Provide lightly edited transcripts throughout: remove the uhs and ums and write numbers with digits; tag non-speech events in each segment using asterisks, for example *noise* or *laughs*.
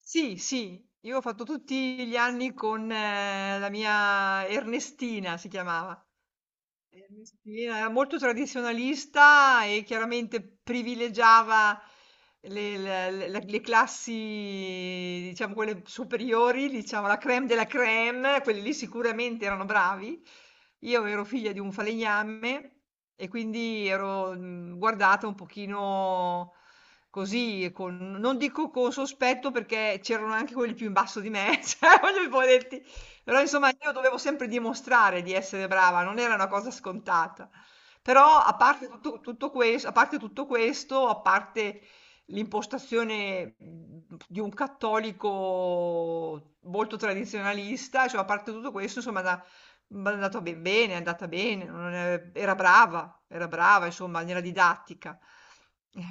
Sì, sì, io ho fatto tutti gli anni con la mia Ernestina, si chiamava. Eh, sì, era molto tradizionalista e chiaramente privilegiava le- le classi, diciamo, quelle superiori, diciamo, la crème della crème, quelli lì sicuramente erano bravi. Io ero figlia di un falegname e quindi ero guardata un pochino così, non dico con sospetto perché c'erano anche quelli più in basso di me, *laughs* cioè, voglio però insomma io dovevo sempre dimostrare di essere brava, non era una cosa scontata. Però a parte tutto, a parte tutto questo, a parte l'impostazione di un cattolico molto tradizionalista, cioè a parte tutto questo, insomma, mi è andato ben bene, è andata bene, non è- era brava, insomma, nella didattica. Eh,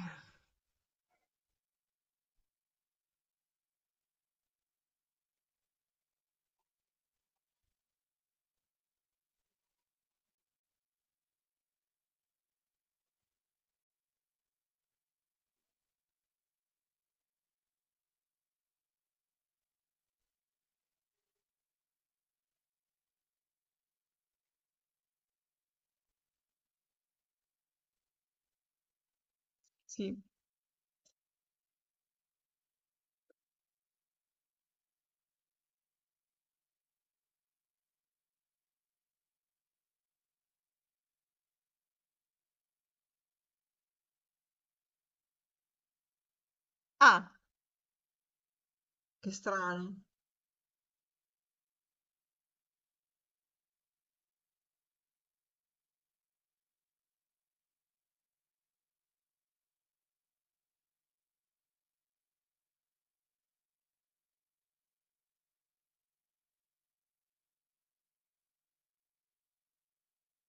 Sì. Ah, che strano,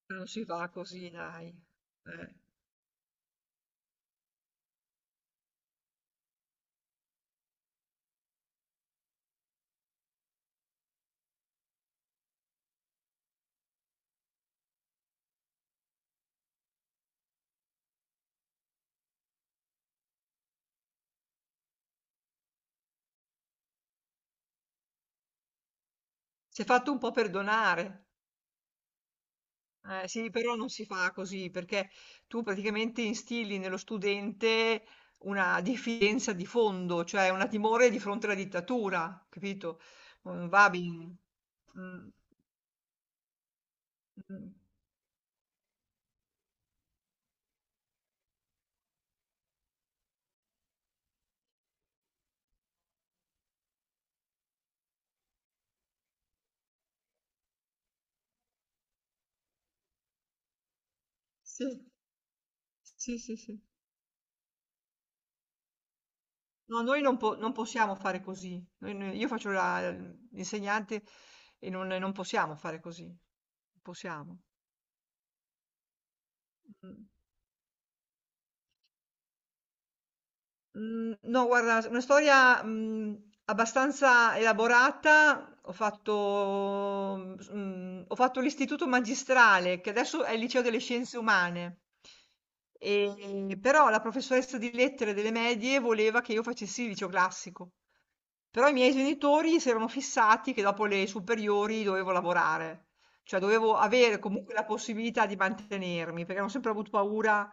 non si fa così, dai. Eh, Si è fatto un po' perdonare. Sì, però non si fa così perché tu praticamente instilli nello studente una diffidenza di fondo, cioè una timore di fronte alla dittatura, capito? Non va bene. Mm, mm. Sì, sì, sì, sì. No, noi non, po- non possiamo fare così. Io faccio l'insegnante e non possiamo fare così. Non possiamo. Mm. Mhmm, no guarda, s una storia, abbastanza elaborata. Ho fatto, mhmm, s mhmm, ho fatto l'istituto magistrale, che adesso è il liceo delle scienze umane. Però la professoressa di lettere delle medie voleva che io facessi il liceo classico. Però i miei genitori si erano fissati che dopo le superiori dovevo lavorare, cioè dovevo avere comunque la possibilità di mantenermi, perché hanno sempre avuto paura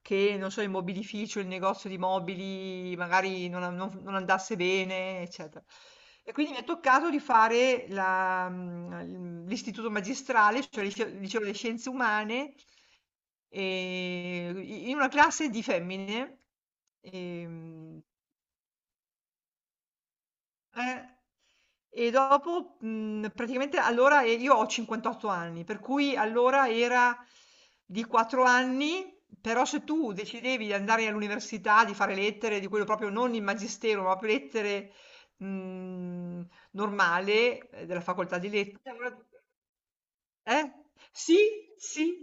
che, non so, il mobilificio, il negozio di mobili magari non andasse bene, eccetera. E quindi mi è toccato di fare l'istituto magistrale, cioè il liceo delle scienze umane, e- in una classe di femmine. ehm, eh. E dopo, praticamente allora e io ho 58 anni, per cui allora era di 4 anni, però se tu decidevi di andare all'università, di fare lettere, di quello proprio non il magistero, ma proprio lettere, normale, della facoltà di lettere, allora eh? Sì, sì,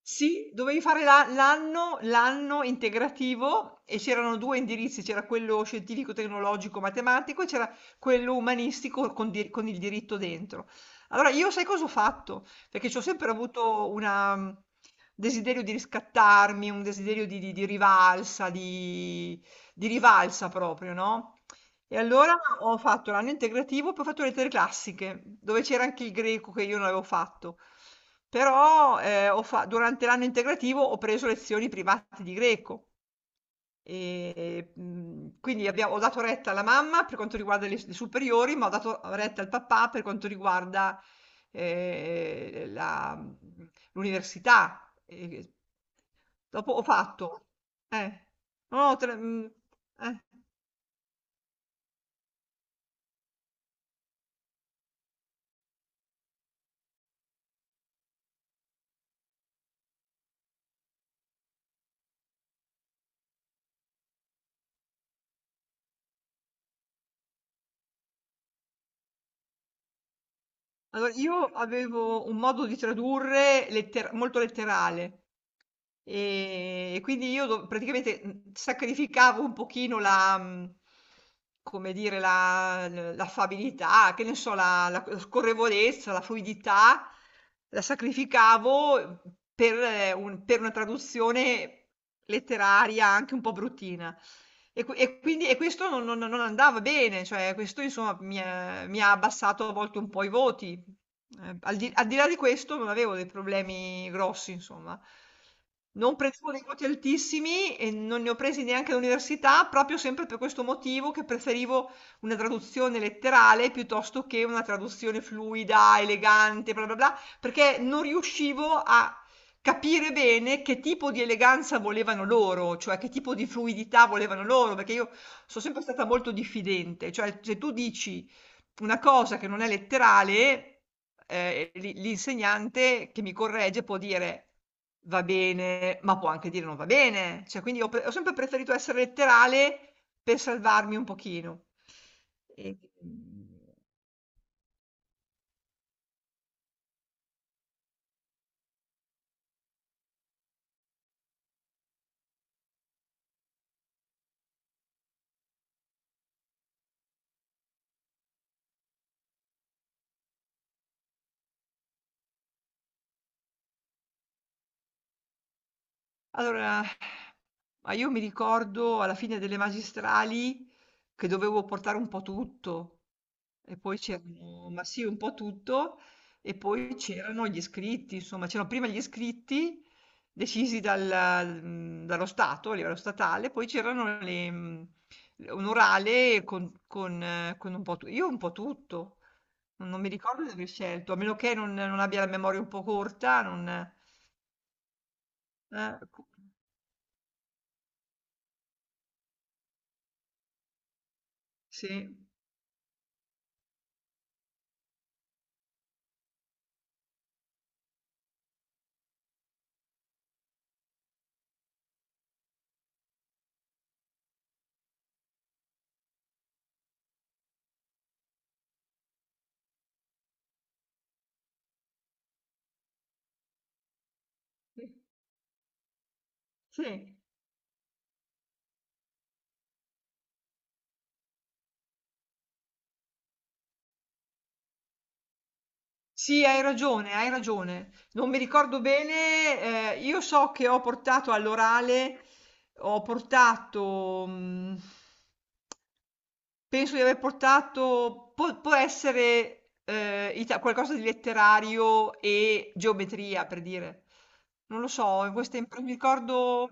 sì, dovevi fare la l'anno l'anno integrativo e c'erano 2 indirizzi, c'era quello scientifico, tecnologico, matematico e c'era quello umanistico con il diritto dentro. Allora io sai cosa ho fatto? Perché c'ho sempre avuto desiderio di riscattarmi, un desiderio di rivalsa, di rivalsa proprio, no? E allora ho fatto l'anno integrativo, poi ho fatto lettere classiche, dove c'era anche il greco che io non avevo fatto. Però durante l'anno integrativo ho preso lezioni private di greco. E, quindi ho dato retta alla mamma per quanto riguarda le superiori, ma ho dato retta al papà per quanto riguarda eh, la- l'università. Dopo ho fatto. Eh, no, eh. Allora, io avevo un modo di tradurre molto letterale. E quindi io do praticamente, sacrificavo un pochino la, come dire, la l l'affabilità, che ne so, la scorrevolezza, la fluidità, la sacrificavo per una traduzione letteraria anche un po' bruttina. E qui e quindi e questo non andava bene, cioè questo insomma mi ha abbassato a volte un po' i voti. Al di là di questo non avevo dei problemi grossi, insomma. Non prendevo dei voti altissimi e non ne ho presi neanche all'università, proprio sempre per questo motivo che preferivo una traduzione letterale piuttosto che una traduzione fluida, elegante, bla bla bla, perché non riuscivo a capire bene che tipo di eleganza volevano loro, cioè che tipo di fluidità volevano loro, perché io sono sempre stata molto diffidente, cioè se tu dici una cosa che non è letterale, l'insegnante che mi corregge può dire: "Va bene", ma può anche dire: "Non va bene". Cioè quindi ho sempre preferito essere letterale per salvarmi un pochino. E, mhmm Allora, ma io mi ricordo alla fine delle magistrali che dovevo portare un po' tutto e poi c'erano, ma sì, un po' tutto e poi c'erano gli iscritti, insomma, c'erano prima gli iscritti decisi dallo Stato, a livello statale, poi c'erano un orale con un po' tutto. Io un po' tutto, non mi ricordo di aver scelto, a meno che non abbia la memoria un po' corta, non... eh, sì. Sì. Sì, Sì, hai ragione, hai ragione. Non mi ricordo bene, io so che ho portato all'orale, ho portato, penso di aver portato, può essere qualcosa di letterario e geometria, per dire. Non lo so, mi ricordo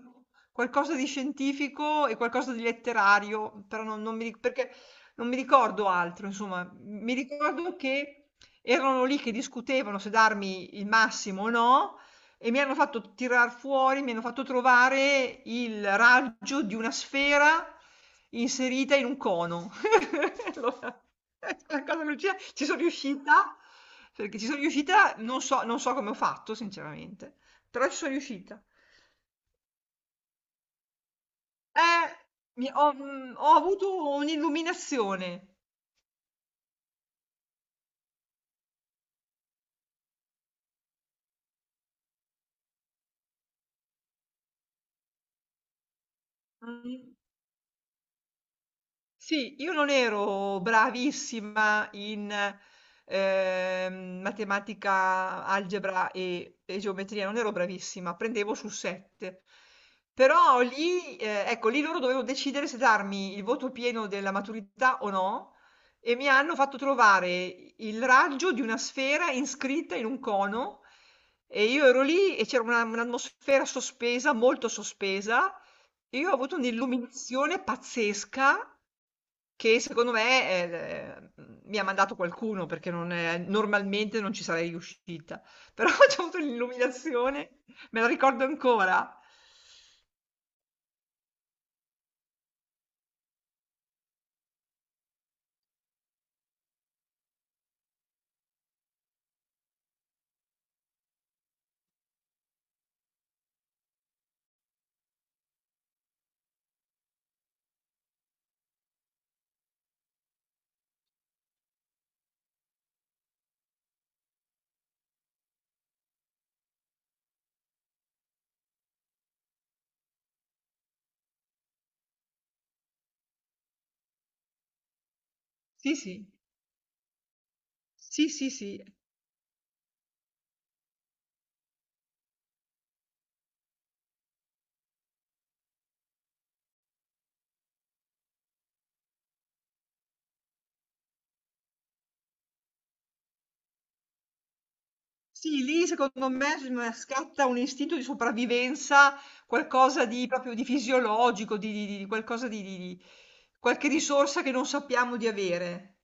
qualcosa di scientifico e qualcosa di letterario, però non, non mi, ri- perché non mi ricordo altro, insomma, mi ricordo che erano lì che discutevano se darmi il massimo o no e mi hanno fatto tirar fuori, mi hanno fatto trovare il raggio di una sfera inserita in un cono. *laughs* Allora, la cosa Lucia, ci sono riuscita, perché ci sono riuscita, non so, non so come ho fatto, sinceramente, però ci sono riuscita. Eh, ho avuto un'illuminazione. Mm. Sì, io non ero bravissima in, matematica, algebra e geometria, non ero bravissima, prendevo su 7. Però lì, ecco, lì loro dovevano decidere se darmi il voto pieno della maturità o no, e mi hanno fatto trovare il raggio di una sfera iscritta in un cono, e io ero lì e c'era un'atmosfera sospesa, molto sospesa, e io ho avuto un'illuminazione pazzesca. Che secondo me, mi ha mandato qualcuno perché non è normalmente non ci sarei riuscita, però *laughs* c'ho avuto l'illuminazione, me la ricordo ancora. Sì, sì. Sì, sì, sì. Sì, lì secondo me scatta un istinto di sopravvivenza, qualcosa di proprio di fisiologico, di qualcosa di qualche risorsa che non sappiamo di avere.